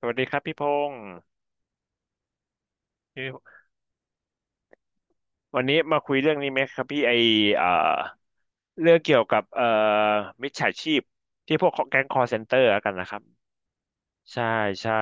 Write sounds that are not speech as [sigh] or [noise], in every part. สวัสดีครับพี่พงศ์พี่วันนี้มาคุยเรื่องนี้ไหมครับพี่ไอเอ่อเรื่องเกี่ยวกับมิจฉาชีพที่พวกแก๊งคอลเซ็นเตอร์กันนะครับใช่ใช่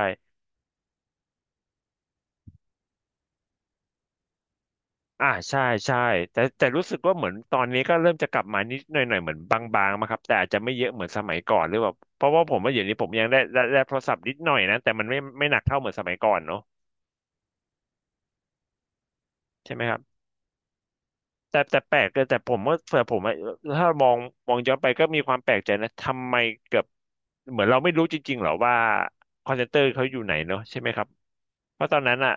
อ่าใช่ใช่แต่รู้สึกว่าเหมือนตอนนี้ก็เริ่มจะกลับมานิดหน่อยหน่อยเหมือนบางๆมาครับแต่อาจจะไม่เยอะเหมือนสมัยก่อนหรือแบบเพราะว่าผมว่าอย่างนี้ผมยังได้โทรศัพท์นิดหน่อยนะแต่มันไม่หนักเท่าเหมือนสมัยก่อนเนาะใช่ไหมครับ แต่แปลกเลยแต่ผมก็เผื่ผมอะถ้ามองย้อนไปก็มีความแปลกใจนะทำไมเกือบเหมือนเราไม่รู้จริงๆหรอว่าคอนเซนเตอร์เขาอยู่ไหนเนาะใช่ไหมครับเพราะตอนนั้นอ่ะ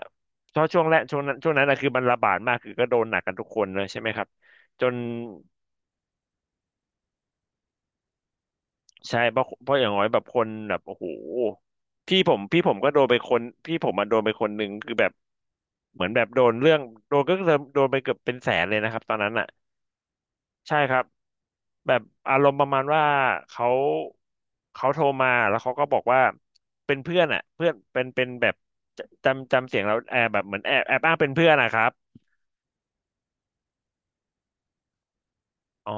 เพรางช่วงแรกช่วงนั้นอะคือมันระบาดมากคือก็โดนหนักกันทุกคนเลยใช่ไหมครับจนใช่เพราะอย่างน้อยแบบคนแบบโอ้โหพี่ผมก็โดนไปคนพี่ผมมันโดนไปคนหนึ่งคือแบบเหมือนแบบโดนเรื่องโดนก็โดนไปเกือบเป็นแสนเลยนะครับตอนนั้นอ่ะ ใช่ครับแบบอารมณ์ประมาณว่าเขาเขาโทรมาแล้วเขาก็บอกว่าเป็นเพื่อนอ่ะเพื่อนเป็นแบบจำจำเสียงเราแอบแบบเหมือนแอบแอบอ้างเป็นเพื่อนนะครับอ๋อ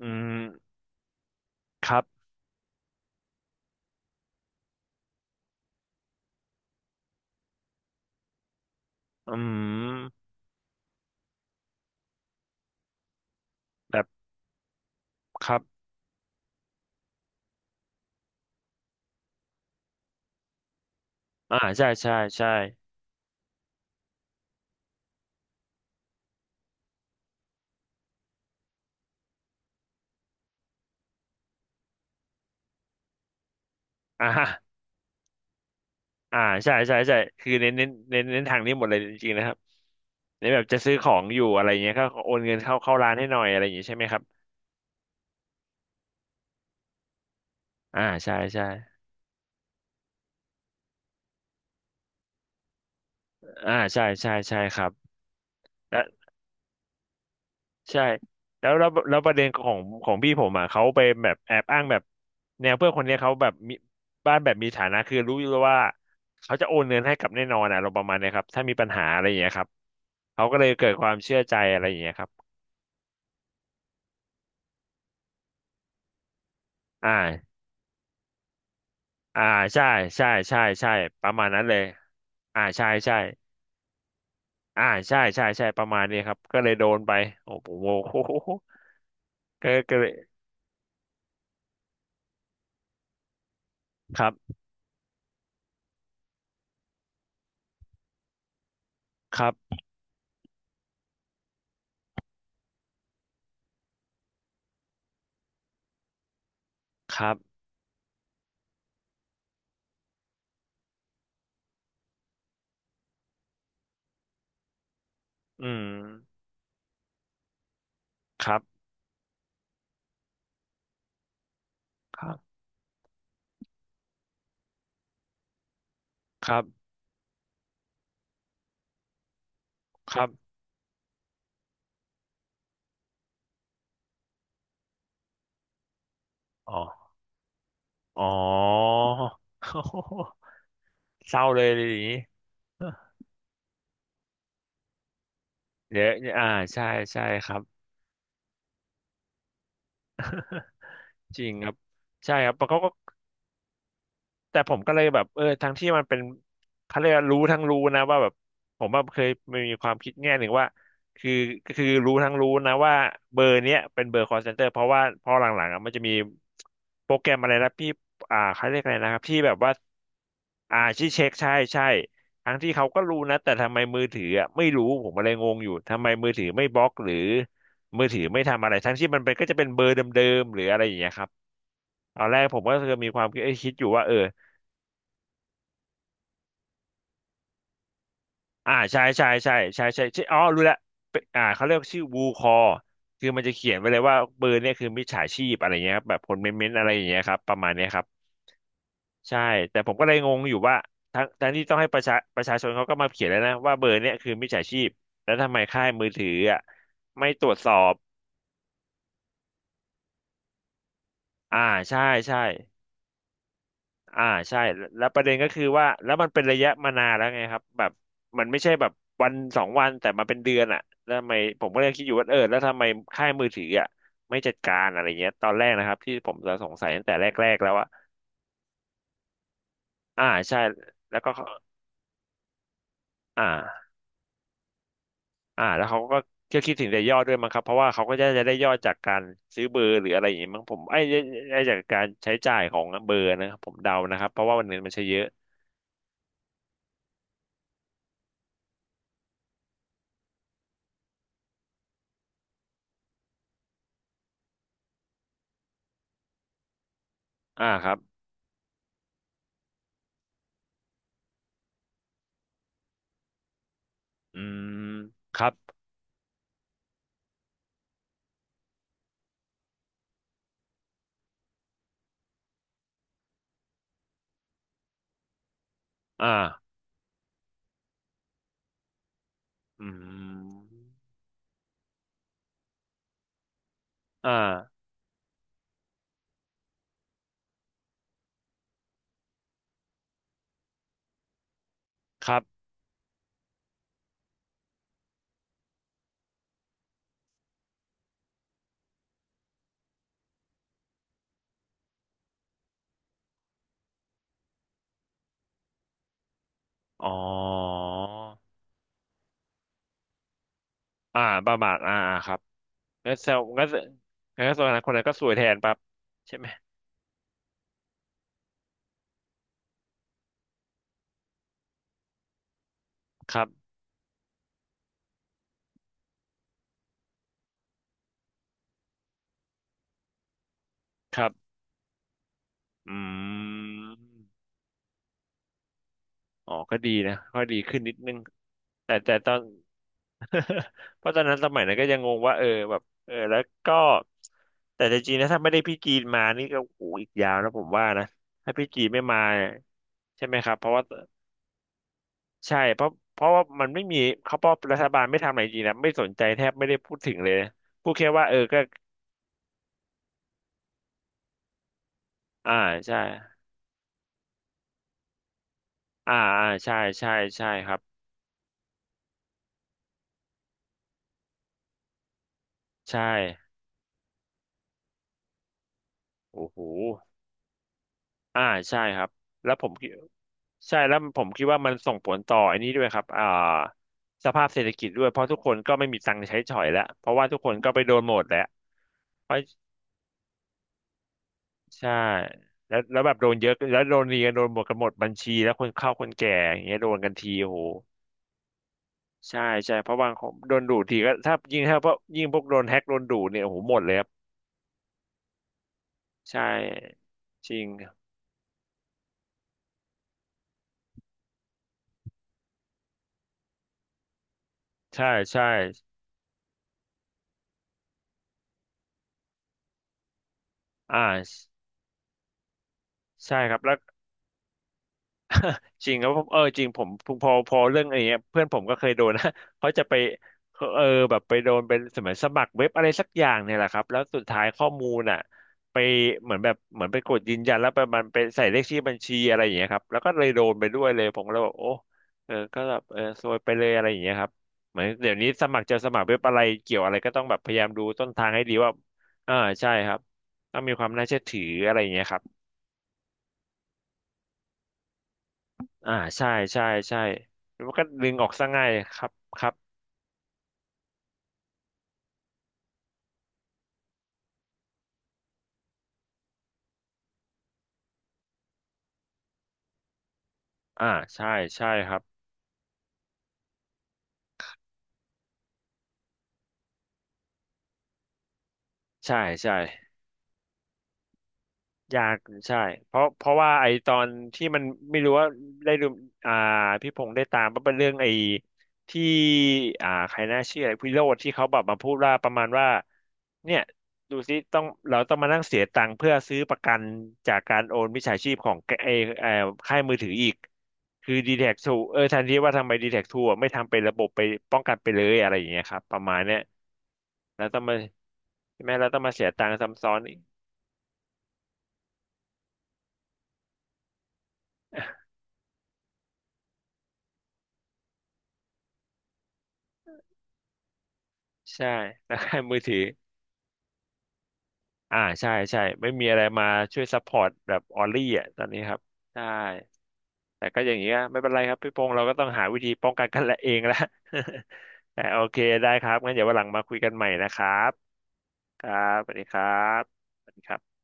อืมครับอืมแบบครับอ่าใช่ใช่ใช่อ่าฮะอ่าใช่ใช่ใช่คือเน้นทางนี้หมดเลยจริงๆนะครับเน้นแบบจะซื้อของอยู่อะไรเงี้ยก็โอนเงินเข้าร้านให้หน่อยอะไรอย่างงี้ใช่ไหมครับอ่าใช่ใช่อ่าใช่ใช่ใช่ครับและ ใช่แล้วประเด็นของพี่ผมอ่ะเขาไปแบบแอบอ้างแบบแนวเพื่อนคนเนี้ยเขาแบบมีบ้านแบบมีฐานะคือรู้อยู่แล้วว่าเขาจะโอนเงินให้กับแน่นอนอ่ะเราประมาณเนี้ยครับถ้ามีปัญหาอะไรอย่างเงี้ยครับเขาก็เลยเกิดความเชื่อใจอะไรอย่างเงี้ยครับอ่าอ่าใช่ใช่ใช่ใช่ประมาณนั้นเลยอ่าใช่ใช่อ่าใช่ใช่ใช่ประมาณนี้ครับก็เลยโดนไปโอ้โห [laughs] โอ้โหก็เลยครับครับครับอืมครับครับครับครับอ๋อ อ๋อ [laughs] เศร้าเลยเลยอย่างนี้เดี๋ยวอ่าใช่ใช่ครับ [laughs] จริงครับใช่ครับเพราะเขาก็ แต่ผมก็เลยแบบเออทั้งที่มันเป็นเขาเรียกว่ารู้ทั้งรู้นะว่าแบบผมว่เคยมีความคิดแง่หนึ่งว่าคือ็คือรู้ทั้งรู้นะว่าเบอร์เนี้ยเป็นเบอร์ call center เพราะว่าพอหลังๆอะมันจะมีโปรแกรมอะไรนะพี่อ่าเขาเรียกอะไรนะครับที่แบบว่าอ่าที่เช็คใช่ใช่ทั้งที่เขาก็รู้นะแต่ทำไมมือถืออ่ะไม่รู้ผมอะไรงงอยู่ทำไมมือถือไม่บล็อกหรือมือถือไม่ทำอะไรทั้งที่มันเป็นก็จะเป็นเบอร์เดิมๆหรืออะไรอย่างเงี้ยครับตอนแรกผมก็คือมีความคิดเอ้ยคิดอยู่ว่าเออ อ่าใช่อ๋อรู้แล้วเป็นอ่าเขาเรียกชื่อวูคอคือมันจะเขียนไว้เลยว่าเบอร์เนี่ยคือมิจฉาชีพอะไรเงี้ยครับแบบคนเม้นๆอะไรอย่างเงี้ยครับประมาณเนี้ยครับใช่แต่ผมก็เลยงงอยู่ว่าทั้งที่ต้องให้ประชาชนเขาก็มาเขียนแล้วนะว่าเบอร์เนี้ยคือมิจฉาชีพแล้วทำไมค่ายมือถืออ่ะไม่ตรวจสอบอ่าใช่ใช่ อ่าใช่แล้วประเด็นก็คือว่าแล้วมันเป็นระยะมานานแล้วไงครับแบบมันไม่ใช่แบบวันสองวันแต่มาเป็นเดือนอ่ะแล้วทำไมผมก็เลยคิดอยู่ว่าเออแล้วทำไมค่ายมือถืออ่ะไม่จัดการอะไรเงี้ยตอนแรกนะครับที่ผมจะสงสัยตั้งแต่แรกๆแล้วว่าอ่าใช่แล้วก็เขาอ่าอ่าแล้วเขาก็ก็คิดถึงแต่ยอดด้วยมั้งครับเพราะว่าเขาก็จะจะได้ยอดจากการซื้อเบอร์หรืออะไรอย่างงี้มั้งผมไอ้จากการใช้จ่ายของเบอร์นะครับผมเดานะครับเพราะว่าวันนึงมันใช้เยอะอ่าครับอืมครับอ่า อืม อ่า ครับ อ๋อ อ่าประมาทอ่าอ่า ครับงั้นแซวงั้นงั้นแสดงคนนั้นก็สวยแทนปั๊บใช่ไหมครับครับอืมอ๋อก็ดีนะก็ดีขึ้นนิดนึง แต่ตอน [laughs] เพราะตอนนั้นสมัยนั้นก็ยังงงว่าเออแบบเออแล้วก็ แต่จริงๆนะถ้าไม่ได้พี่จีนมานี่ก็โอ้โหอีกยาวนะผมว่านะถ้าพี่จีนไม่มาเนี่ยใช่ไหมครับเพราะว่า ใช่เพราะว่ามันไม่มีเขาเพราะรัฐบาลไม่ทำอะไรจริงนะไม่สนใจแทบไม่ได้พูดถึงเลยพูดแค่ว่าเออก็อ่าใช่อ่าอ่าใช่ใช่ใช่ครับใช่โอ้โหอ่าใช่ครับแล้วผมคิดใช่แล้วผมคิดว่ามันส่งผลต่ออันนี้ด้วยครับสภาพเศรษฐกิจด้วยเพราะทุกคนก็ไม่มีตังค์ใช้จ่อยแล้วเพราะว่าทุกคนก็ไปโดนหมดแล้วเพราะใช่แล้วแบบโดนเยอะแล้วโดนเรียนโดนหมดกันหมดบัญชีแล้วคนเข้าคนแก่อย่างเงี้ยโดนกันทีโอ้โห ใช่ใช่เพราะบางคนโดนดูทีก็ถ้ายิ่งถ้าพวกยิ่งพวกโดนแฮ็กโดนดูเนี่ยโอ้โหหมดเลยครับใช่จริงใช่ใช่อ่าใช่ครับแล้ว [laughs] จริงแล้วผมจริงผมพอเรื่องอะไรเงี้ยเพื่อนผมก็เคยโดนนะ [laughs] เขาจะไปเออแบบไปโดนเป็นสมัยสมัครเว็บอะไรสักอย่างเนี่ยแหละครับแล้วสุดท้ายข้อมูลอ่ะไปเหมือนแบบเหมือนไปกดยืนยันแล้วไปมันไปใส่เลขที่บัญชีอะไรอย่างเงี้ยครับแล้วก็เลยโดนไปด้วยเลยผมก็เลยบอกโอ้เออก็แบบเออซวยไปเลยอะไรอย่างเงี้ยครับเหมือนเดี๋ยวนี้สมัครจะสมัครเว็บอะไรเกี่ยวอะไรก็ต้องแบบพยายามดูต้นทางให้ดีว่าอ่าใช่ครับต้องมีความน่าเชื่อถืออะไรอย่างเงี้ยครับ อ่าใช่ใช่ใช่แล้วมันก็ดึงออกซะง่ายครับครับอ่าใช่ใช่ครับใช่ใช่ ยากใช่เพราะว่าไอตอนที่มันไม่รู้ว่าได้ดูอ่าพี่พงษ์ได้ตามว่าเป็นเรื่องไอที่อ่าใครน่าเชื่อไอ้วิโรจน์ที่เขาแบบมาพูดว่าประมาณว่าเนี่ยดูซิต้องเราต้องมานั่งเสียตังค์เพื่อซื้อประกันจากการโอนมิจฉาชีพของไอไออค่ายมือถืออีกคือดีแท็กทูแทนที่ว่าทำไมดีแท็กทูไม่ทำเป็นระบบไปป้องกันไปเลยอะไรอย่างเงี้ยครับประมาณเนี้ยแล้วต้องมาใช่ไหมเราต้องมาเสียตังค์ซ้ำซ้อนอีก [laughs] ใช่แล้วค่ายมือถือ อ่าใช่ใช่ไม่มีอะไรมาช่วยซัพพอร์ตแบบออลลี่อ่ะตอนนี้ครับใช่แต่ก็อย่างนี้ก็ไม่เป็นไรครับพี่พงษ์เราก็ต้องหาวิธีป้องกันกันและเองละ [laughs] แต่โอเคได้ครับงั้นเดี๋ยววันหลังมาคุยกันใหม่นะครับครับสวัสดีครับสวัสดีครับ